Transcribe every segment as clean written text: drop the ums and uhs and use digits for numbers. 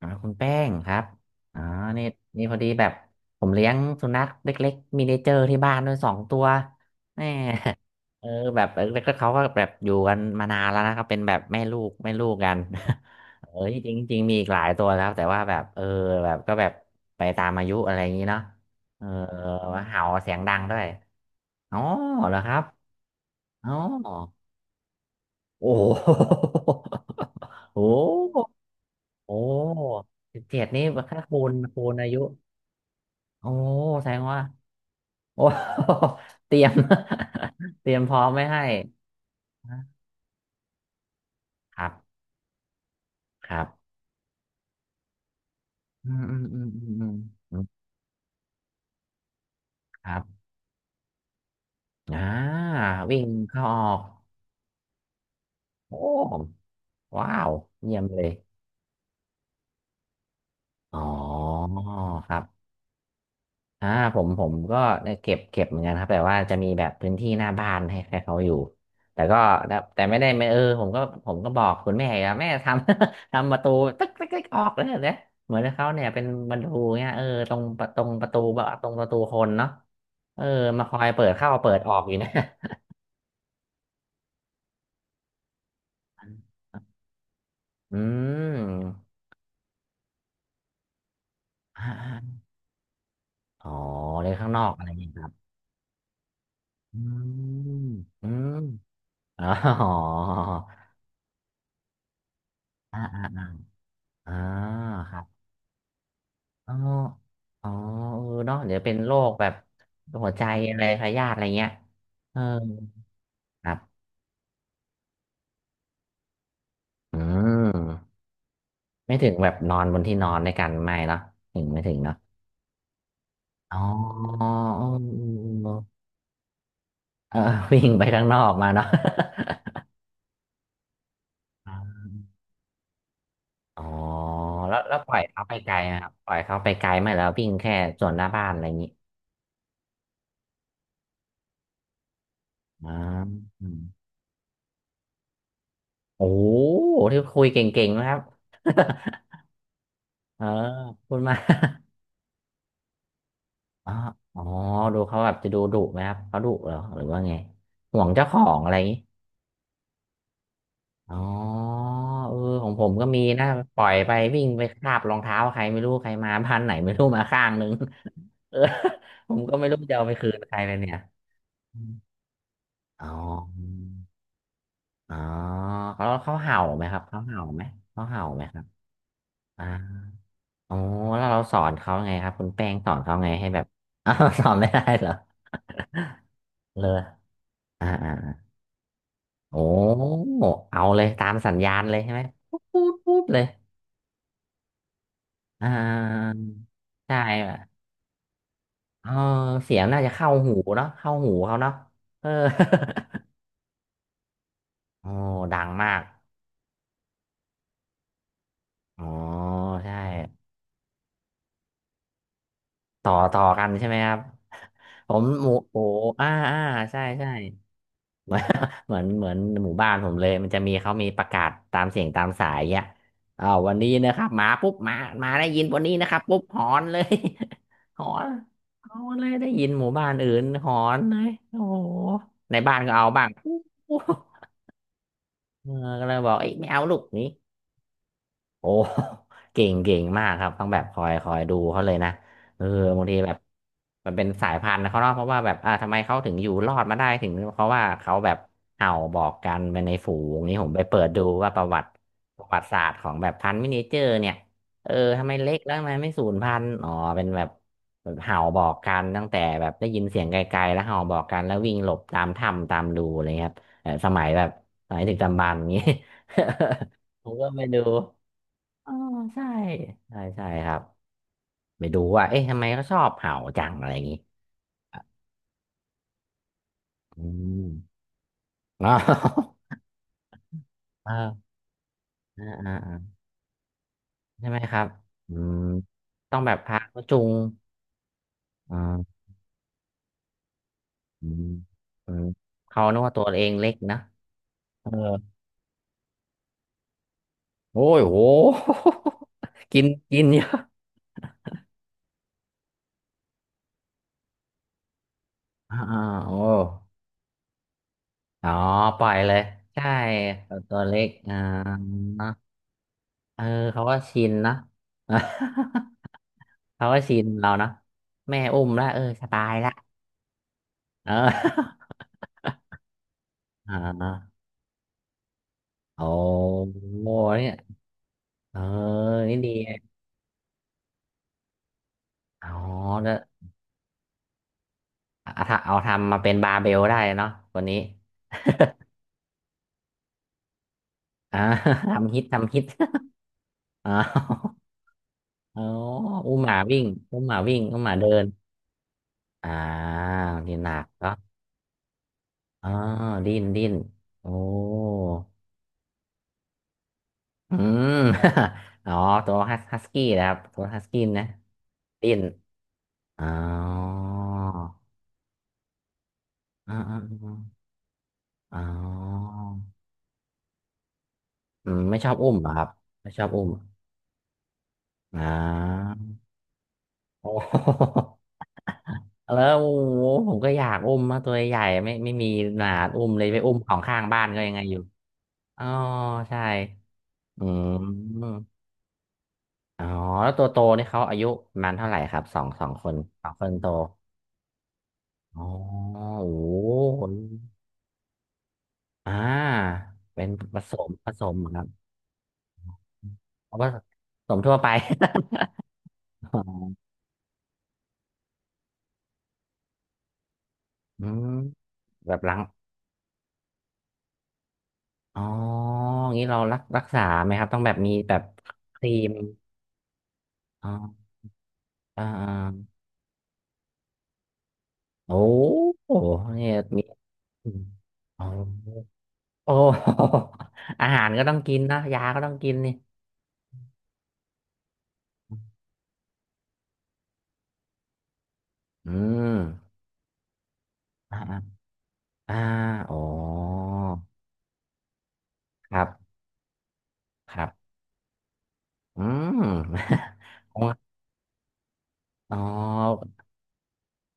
อ่าคุณแป้งครับอ่านี่นี่พอดีแบบผมเลี้ยงสุนัขเล็กๆมินิเจอร์ที่บ้านด้วยสองตัวแม่ เออแบบเออแล้วก็เขาก็แบบอยู่กันมานานแล้วนะครับเป็นแบบแม่ลูกแม่ลูกกัน เออจริงๆจริงมีอีกหลายตัวแล้วแต่ว่าแบบเออแบบก็แบบไปตามอายุอะไรอย่างนี้เนาะเออเห่าเสียงดังด้วย อ๋อเหรอครับอ๋อโอ้โห โอ้โหโอ้เจ็ดนี่ถ้าคูณอายุ โอ้แสดงว่าโอ้ เตรียม เตรียมพร้อมไม่ให้นะครับครับอืมอืมอืมอืมอืมอืมครับอ่าวิ่งเข้าออกโอ้ว้าวเยี่ยมเลยอ๋อครับ อ่าผมก็ได้เก็บเหมือนกันครับแต่ว่าจะมีแบบพื้นที่หน้าบ้านให้เขาอยู่แต่ก็แต่ไม่ได้ไม่เออผมก็ผมก็บอกคุณแม่ครับแม่ทำ ทำประตูตึ๊กตึ๊กตึ๊กออกเลยเนี่ยเหมือนเขาเนี่ยเป็นประตูเงี้ยเออตรงประตรงประตูแบบตรงประตูคนเนาะเออมาคอยเปิดเข้าเปิดออกอยู่นะ อืมอ่าอ๋อเลี้ยงข้างนอกอะไรอย่างเงี้ยครับอืมอืมอ๋อ อ่าอ่าอ่าครับ อ๋ออ๋อเออเนาะเดี๋ยวเป็นโรคแบบหัวใจอะไรพยาธิอะไรเงี้ยเออครับอืมไม่ถึงแบบนอนบนที่นอนด้วยกันไม่เนาะถึงไม่ถึงเนาะอ๋อเออเออ วิ่งไปข้างนอกมาเนาะ อ๋อแล้วแล้วปล่อยเขาไปไกลนะครับปล่อยเขาไปไกลไหมแล้ววิ่งแค่ส่วนหน้าบ้านอะไรอย่างนี้อ่าอืมโอ้โหที่คุยเก่งๆนะครับ เออขอบคุณมาก อ๋ออ๋อดูเขาแบบจะดูดุไหมครับเขาดุเหรอหรือว่าไงห่วงเจ้าของอะไรอย่างงี้อ๋อเออของผมก็มีนะปล่อยไปวิ่งไปคาบรองเท้าใครไม่รู้ใครมา พันไหนไม่รู้มาข้างนึง เออผมก็ไม่รู้จะเอาไปคืนใครเลยเนี่ยอมอ๋ออ๋อแล้วเขาเห่าไหมครับเขาเห่าไหมเขาเห่าไหมครับอ่าอ๋อแล้วเราสอนเขาไงครับคุณแป้งสอนเขาไงให้แบบ อ้าวสอนไม่ได้เหรอ เลยอ่าอ่า โอ้ เอาเลยตามสัญญาณเลยใช่ไหมปุ๊บปุ๊บปุ๊บเลยอ่าใช่แบบเออเสียงน่าจะเข้าหูเนาะเข้าหูเขาเนาะเออ โอ้ดังมากอ๋อใช่ต่อกันใช่ไหมครับผมหมูโอ้อ่าอ่าใช่ใช่ เหมือน เหมือนหมู่บ้านผมเลยมันจะมีเขามีประกาศตามเสียงตามสายอ่ะอ่าววันนี้นะครับมาปุ๊บมามาได้ยินวันนี้นะครับปุ๊บหอนเลย หอนหอนเลยได้ยินหมู่บ้านอื่นหอนเลยโอ้โหในบ้านก็เอาบ้าง เออก็เลยบอกเอ้ยไม่เอาลูกนี้ โอ้ เก่งเก่งมากครับ ต้องแบบคอยดูเขาเลยนะเออบางทีแบบมันเป็นสายพันธุ์นะเขาเนาะเพราะว่าแบบอ่าทำไมเขาถึงอยู่รอดมาได้ถึงเพราะว่าเขาแบบเห่าบอกกันไปในฝูงนี้ผมไปเปิดดูว่าประวัติศาสตร์ของแบบพันธุ์มินิเจอร์เนี่ย เออทำไมเล็กแล้วทำไมไม่สูญพันธุ์อ๋อเป็นแบบแบบเห่าบอกกันตั้งแต่แบบได้ยินเสียงไกลๆแล้วเห่าบอกกันแล้ววิ่งหลบตามถ้ำตามรูอะไรเงี้ยครับเออสมัยแบบสมัยดึกดำบรรพ์อย่างนี้ ผมก็ไม่รู้ อ๋อใช่ใช่ใช่ครับไปดูว่าเอ๊ะทำไมเขาชอบเห่าจังอะไรอย่างงี้อืมอ๋อ เอออ่าอ่าอ่าใช่ไหมครับอืมต้องแบบพาเขาจูงอ่าอืมอืมเขานึกว่าตัวเองเล็กนะเออโอ้ยโห กินกินเยอะอ่าอ่าโอ้อ๋อปล่อยเลยใช่ตัวเล็กอ่าเนอะเออเขาก็ชินนะ เขาก็ชินเราเนาะแม่อุ้มละเออสบายละเออ อ่าโอ้โหเนี่ยเออนี่ดีอ๋อแล้วเอาถ้าเอาทำมาเป็นบาร์เบลได้เนาะคนนี้อ่า ทำฮิตทำฮิต อ๋อ อ๋ออุ้มหมาวิ่งอุ้มหมาวิ่งอุ้มหมาเดินอ่านี่หนักเนาะอ๋อดิ้นดิ้นโอ้อืม อ๋อตัวฮัสกี้นะครับตัวฮัสกี้นะดิ้นอ๋อ อ่าอ่าอาอ๋ออืมไม่ชอบอุ้มเหรอครับไม่ชอบอุ้มอ่าโอ้ แล้วโอ้โหผมก็อยากอุ้มมาตัวใหญ่ไม่มีหนาดอุ้มเลยไปอุ้มของข้างบ้านก็ยังไงอยู่อ๋อใช่อืมอ๋อแล้วตัวโตนี่เขาอายุประมันเท่าไหร่ครับสองคนสองคนโตอ๋อโอ้โหอ่าเป็นผสมเหรอครับเพราะว่าผสมทั่วไป อออืมแบบหลัง อ๋ออย่างนี้เรารักษาไหมครับต้องแบบมีแบบครีมอ๋ออ่าอ่าโอ้โหเนี่ยมีอมอ๋อโอ้ อาหารก็ต้องกินนะยาก็ต้องกินนี่อืมอ่าอ่าอ่าอ๋อครับครับอืม อ๋ออ๋อ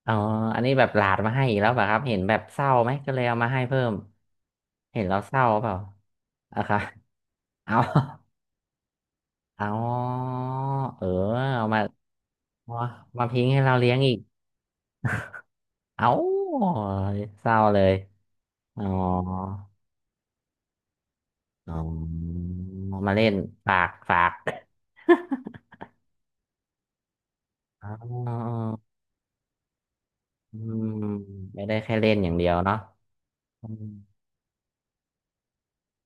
อ๋ออันนี้แบบหลาดมาให้อีกแล้วเปล่ะครับเห็นแบบเศร้าไหมก็เลยเอามาให้เพิ่มเห็นเราเศร้าเปล่าอะครับ เอา เอาเออเอามามามาทิ้งให้เราเลี้ยงอีกเอ้าเศร้าเลยอ๋ออ๋อมาเล่นฝากฝาก อ๋ออืมไม่ได้แค่เล่นอย่างเดียวเนาะอืม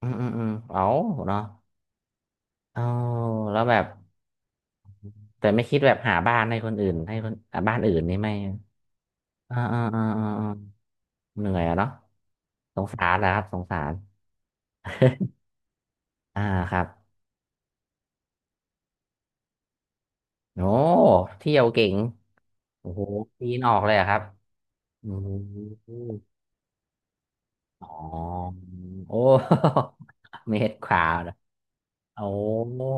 อืมอืมอืมเอาเนาะเออแล้วแบบแต่ไม่คิดแบบหาบ้านให้คนอื่นให้คนอ่ะบ้านอื่นนี่ไม่อ่าอ่าอ่าอ่าอ่าเหนื่อยอะเนาะสงสารนะครับสงสารอ่าครับโอ้เที่ยวเก่ง โอ้โหปีนออกเลยเหรอะครับอืมอ๋อ โอ้ เมตรขวาเหรอโอ้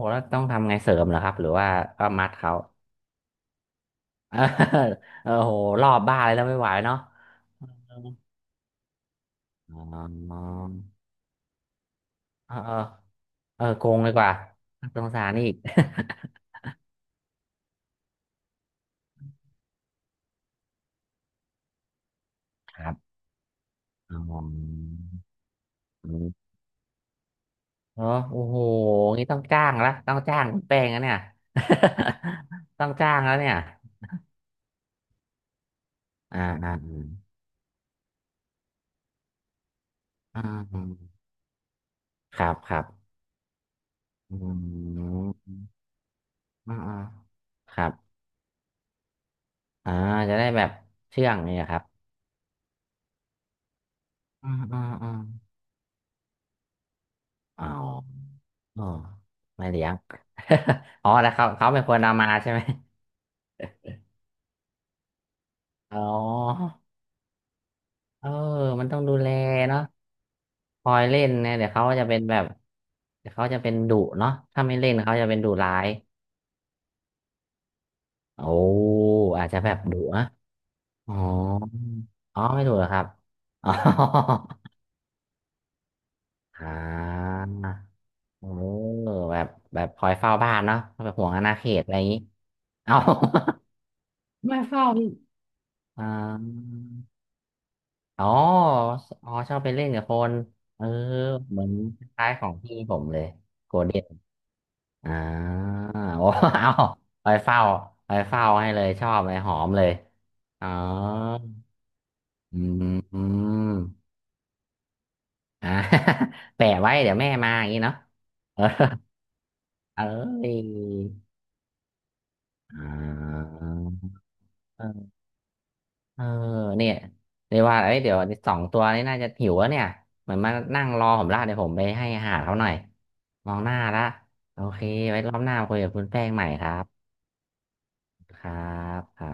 แล้วต้องทำไงเสริมเหรอครับหรือว่าก็มัดเขา เออโอ้โหรอบบ้านเลยแล้วไม่ไหวเนาะอ๋อเออเออเออโกงเลยกว่าสงสารนี่อีก ครับอ๋ออืมเออโอ้โหงี้ต้องจ้างละต้องจ้างคุณแป้งนะเนี่ย ต้องจ้างแล้วเนี่ยอ่าอ่าอ่า ครับครับอืมอ่าอ่าครับอ่าจะได้แบบเชื่องเนี่ยครับอ่าอ่าอ่าอ๋ออ๋อไม่เลี้ยง อ๋อแล้วเขาเขาเป็นคนเอามาใช่ไหมอ๋อเออมันต้องดูแลเนาะคอยเล่นเนี่ยเดี๋ยวเขาจะเป็นแบบเดี๋ยวเขาจะเป็นดุเนาะถ้าไม่เล่นเขาจะเป็นดุร้ายโอ้อาจจะแบบดุนะอ๋ออ๋อไม่ดุเหรอครับ อ๋ออ่า เออแบบแบบคอยเฝ้าบ้านเนาะแบบห่วงอาณาเขตอะไรอย่างนี้เอา ไม่เฝ้าพี่อ่าอ๋ออ๋อชอบไปเล่นกับคนเออเหมือนคล้ายๆของพี่ผมเลยโกลเด้นอ่าโอ้ เอาคอยเฝ้าคอยเฝ้าให้เลยชอบเลยหอมเลยอ๋ออืมอืมอ่า แปะไว้เดี๋ยวแม่มาอย่างนี้เนาะ เออเอออ่า เออเนี่ยเรียกว่าเอ้ยเดี๋ยวสองตัวนี้น่าจะหิวแล้วเนี่ยเหมือนมานั่งรอผมละเดี๋ยวผมไปให้อาหารเขาหน่อยมองหน้าละโอเคไว้รอบหน้ามาคุยกับคุณแป้งใหม่ครับครับครับ